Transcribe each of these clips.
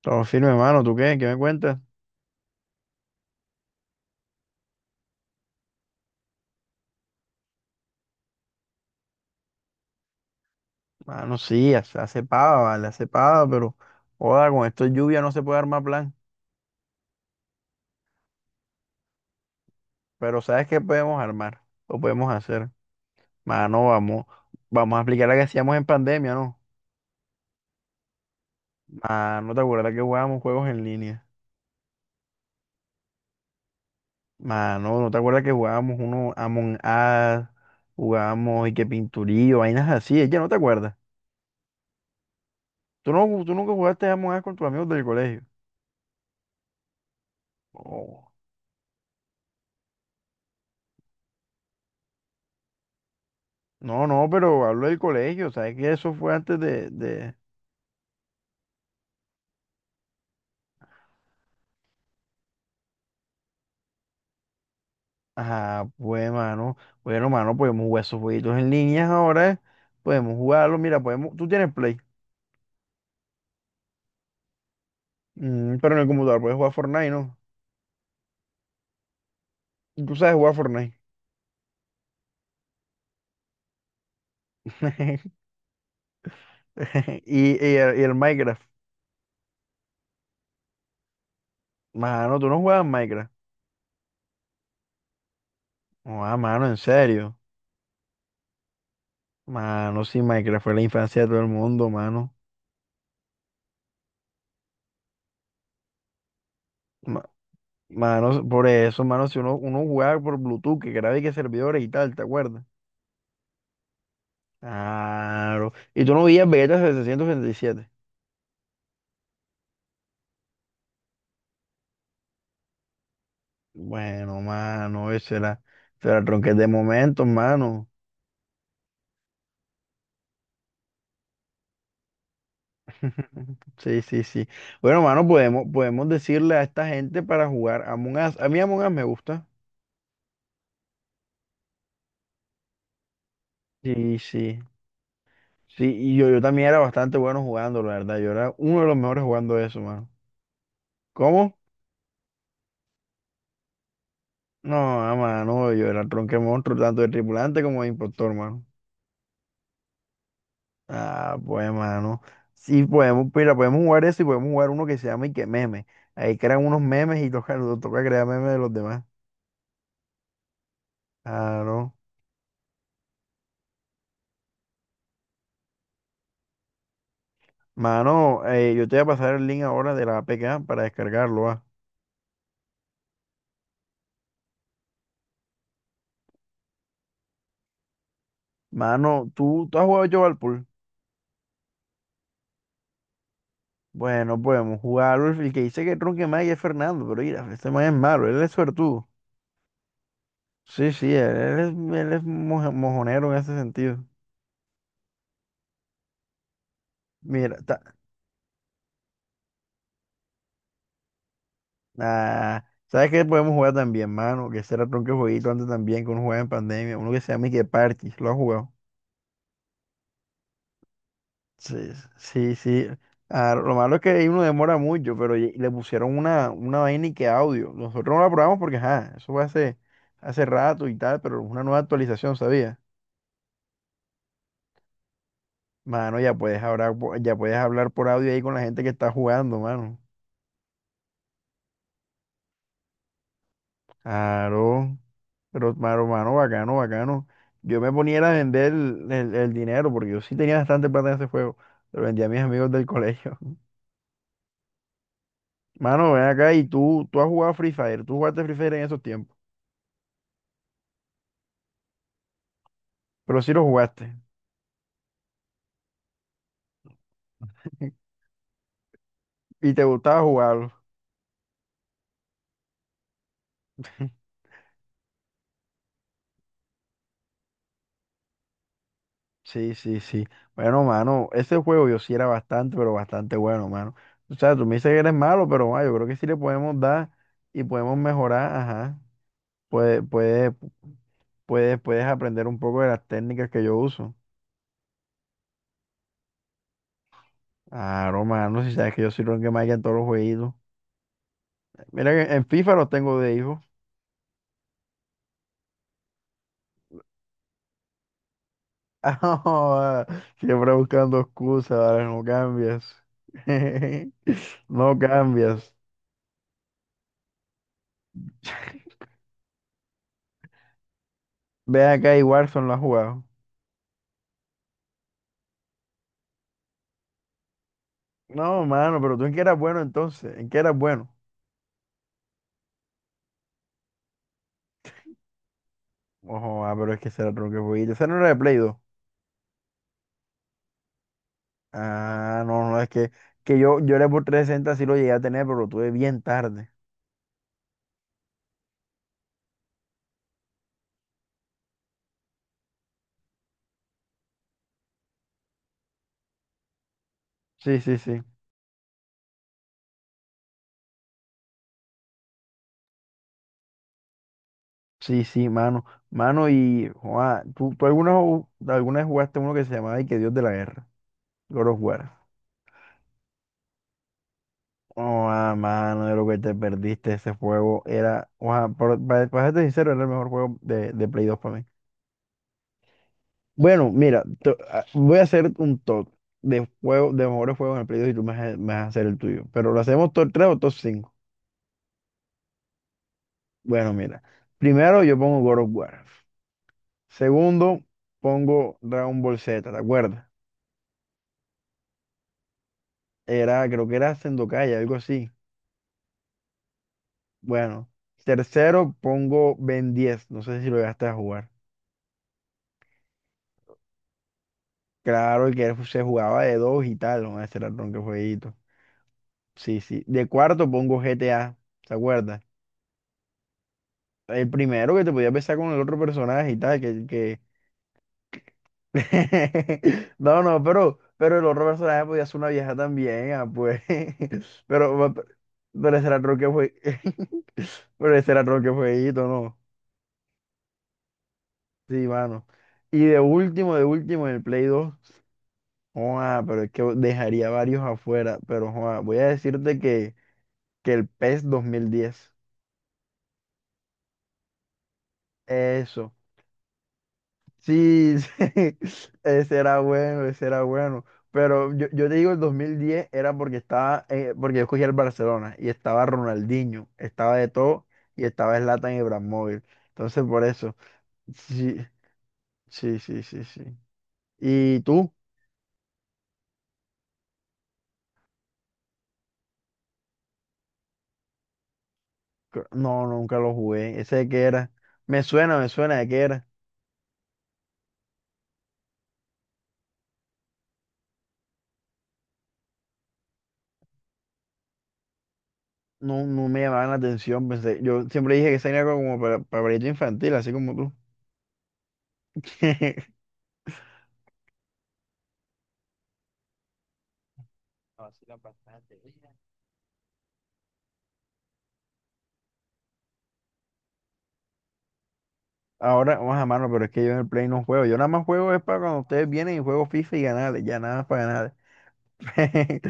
Todo firme, hermano. ¿Tú qué? ¿Qué me cuentas? Mano, sí, hace pava, vale, hace pava, pero joda, con esto de lluvia no se puede armar plan. Pero ¿sabes qué podemos armar? Lo podemos hacer. Mano, vamos a aplicar la que hacíamos en pandemia, ¿no? Mano, ¿te acuerdas que jugábamos juegos en línea? Mano, ¿no te acuerdas que jugábamos uno Among Us, jugábamos y que pinturillo, vainas así? Ella no te acuerdas. ¿Tú, no, tú nunca jugaste Among Us con tus amigos del colegio? Oh. No, no, pero hablo del colegio, ¿sabes que eso fue antes de... Ajá, pues, mano. Bueno, mano, podemos jugar esos jueguitos en línea ahora. Podemos jugarlo. Mira, podemos. Tú tienes Play. Pero en el computador puedes jugar Fortnite, ¿no? ¿Y tú sabes jugar Fortnite? Y el Minecraft. Mano, tú no juegas Minecraft. No, mano, en serio. Mano, sí, Minecraft fue la infancia de todo el mundo, mano. Ma- Mano, por eso, mano, si uno jugaba por Bluetooth, que grababa y que servidores y tal, ¿te acuerdas? Claro. Y tú no veías Vegeta 767. Bueno, mano, ese era el tronquete de momentos, mano. Sí, sí, sí. Bueno, mano, podemos decirle a esta gente para jugar Among Us. A mí Among Us me gusta. Sí, sí. Sí, y yo también era bastante bueno jugando, la verdad. Yo era uno de los mejores jugando eso, mano. ¿Cómo? No, mano, yo era el tronque monstruo, tanto de tripulante como de impostor, mano. Ah, pues, mano. Sí, podemos, mira, podemos jugar eso y podemos jugar uno que se llama y que meme. Ahí crean unos memes y toca crear memes de los demás. Claro. Mano, yo te voy a pasar el link ahora de la APK para descargarlo, ah. Mano, ¿tú has jugado yo al pool? Bueno, podemos jugarlo. El que dice que Tronque más es Fernando, pero mira, este man es malo, él es suertudo. Sí, sí, él es mojonero en ese sentido. Mira, ¿sabes qué podemos jugar también, mano? Que será tronque jueguito antes también, que uno jugaba en pandemia, uno que se llama Ike Parchís, ¿lo has jugado? Sí, sí, sí. Ah, lo malo es que ahí uno demora mucho, pero le pusieron una vaina y que audio. Nosotros no la probamos porque, ajá, eso fue hace rato y tal, pero una nueva actualización, ¿sabía? Mano, ya puedes hablar por audio ahí con la gente que está jugando, mano. Claro, pero, mano, mano, bacano, bacano. Yo me ponía era a vender el dinero porque yo sí tenía bastante plata en ese juego. Lo vendía a mis amigos del colegio. Mano, ven acá y tú has jugado Free Fire. Tú jugaste Free Fire en esos tiempos, pero sí lo jugaste. Y te gustaba jugarlo. Sí, sí, sí. Bueno, mano, ese juego yo sí era bastante, pero bastante bueno, mano. O sea, tú me dices que eres malo, pero yo creo que sí le podemos dar y podemos mejorar, ajá. Puedes, puedes, puedes aprender un poco de las técnicas que yo uso. Claro, mano, si sabes que yo soy que más en todos los jueguitos. Mira que en FIFA los tengo de hijo. Ah, siempre buscando excusas, ¿vale? No cambias. No cambias. ¿Ve acá y Warzone lo has jugado? No, mano, ¿pero tú en qué eras bueno entonces, en qué eras bueno? Ojo, ah, pero es que ese era otro que fue. Ese no era de Play 2. Ah, no, no, es que yo era por 360 sí lo llegué a tener, pero lo tuve bien tarde. Sí, sí, sí. Sí, sí, mano. Mano, y Juan, ¿tú alguna vez jugaste uno que se llamaba y que Dios de la Guerra? God of War. Oh, mano, de lo que te perdiste ese juego era, Juan, para serte sincero, era el mejor juego de Play 2 para mí. Bueno, mira, voy a hacer un top de juego, de mejores juegos en el Play 2 y tú me vas a hacer el tuyo. Pero lo hacemos top tres o top cinco. Bueno, mira. Primero yo pongo God of War. Segundo, pongo Dragon Ball Z, ¿te acuerdas? Era, creo que era Sengokai, algo así. Bueno. Tercero, pongo Ben diez. No sé si lo llegaste a jugar. Claro, el se jugaba de dos y tal, ¿no? Ese era el ronque jueguito. Sí, sí. De cuarto pongo GTA, ¿te acuerdas? El primero que te podías besar con el otro personaje y tal. No, no, pero el otro personaje podía ser una vieja también, ah, pues. Pero, pero ese era el que fue... Pero ese era el que fueguito, ¿no? Sí, mano. Y de último, en el Play 2 joa, pero es que dejaría varios afuera, pero joa, voy a decirte que el PES 2010 eso, sí, sí, ese era bueno, ese era bueno. Pero yo te digo, el 2010 era porque porque yo escogí el Barcelona y estaba Ronaldinho, estaba de todo y estaba Zlatan Ibrahimovic. Entonces, por eso, sí, sí, sí, sí, sí. ¿Y tú? No, nunca lo jugué. ¿Ese de qué era? Me suena de qué era. No, no me llamaban la atención, pensé. Yo siempre dije que ese era como para pajarito infantil, así como tú. No, así la pasaste. Ahora, vamos a mano, pero es que yo en el Play no juego. Yo nada más juego es para cuando ustedes vienen y juego FIFA y ganar, ya nada más para ganar.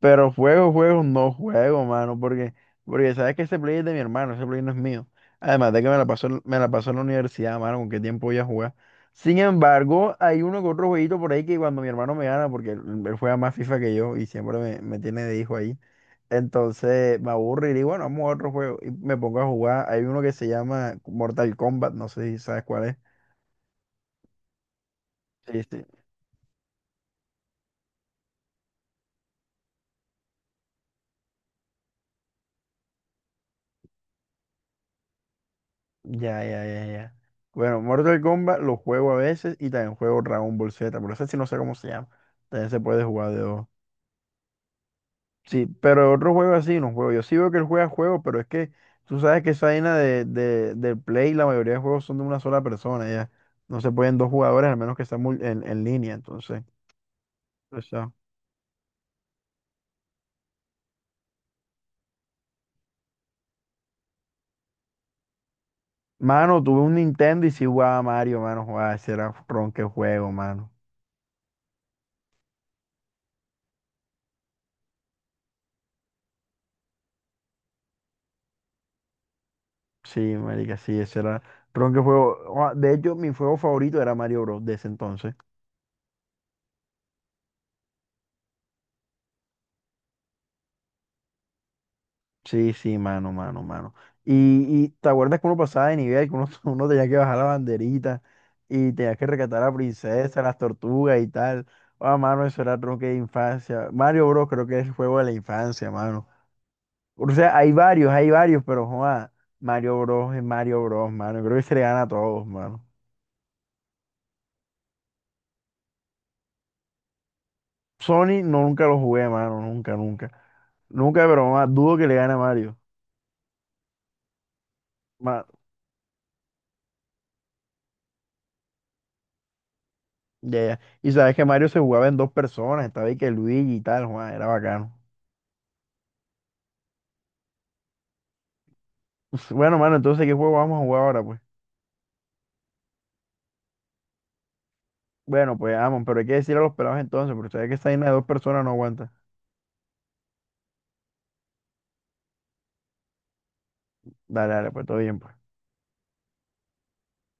Pero juego, no juego, mano, porque sabes que ese Play es de mi hermano, ese Play no es mío. Además de que me la pasó, me la pasó en la universidad, mano, con qué tiempo voy a jugar. Sin embargo, hay uno que otro jueguito por ahí que cuando mi hermano me gana, porque él juega más FIFA que yo y siempre me tiene de hijo ahí. Entonces me aburro y digo, bueno, vamos a otro juego. Y me pongo a jugar. Hay uno que se llama Mortal Kombat, no sé si sabes cuál es. Sí, sí. Ya, ya, ya, ya. Bueno, Mortal Kombat lo juego a veces y también juego Dragon Ball Z, pero ese sí no sé cómo se llama. También se puede jugar de dos. Sí, pero otro juego así no juego. Yo sí veo que él juega juegos, pero es que tú sabes que esa vaina del Play, la mayoría de juegos son de una sola persona, ya. No se pueden dos jugadores, al menos que estén en línea, entonces. O sea. Mano, tuve un Nintendo y sí jugaba Mario, mano, jugaba, ese era ronque juego, mano. Sí, marica, sí, ese era ron que juego. De hecho, mi juego favorito era Mario Bros. De ese entonces. Sí, sí, mano, mano, mano. Y, y te acuerdas que uno pasaba de nivel, que uno, uno tenía que bajar la banderita y tenía que rescatar a la princesa, las tortugas y tal. Ah, mano, eso era tronque de infancia. Mario Bros. Creo que es el juego de la infancia, mano. O sea, hay varios, pero joa, Mario Bros. Es Mario Bros, mano. Creo que se le gana a todos, mano. Sony no, nunca lo jugué, mano, nunca, nunca. Nunca, pero más dudo que le gane a Mario. Ma- ya, ya. Y sabes que Mario se jugaba en dos personas, estaba ahí que Luigi y tal, Juan, era bacano. Bueno, mano, entonces, ¿qué juego vamos a jugar ahora, pues? Bueno, pues, vamos, pero hay que decir a los pelados entonces, porque sabes que esa vaina de dos personas no aguanta. Dale, dale, pues todo bien, pues.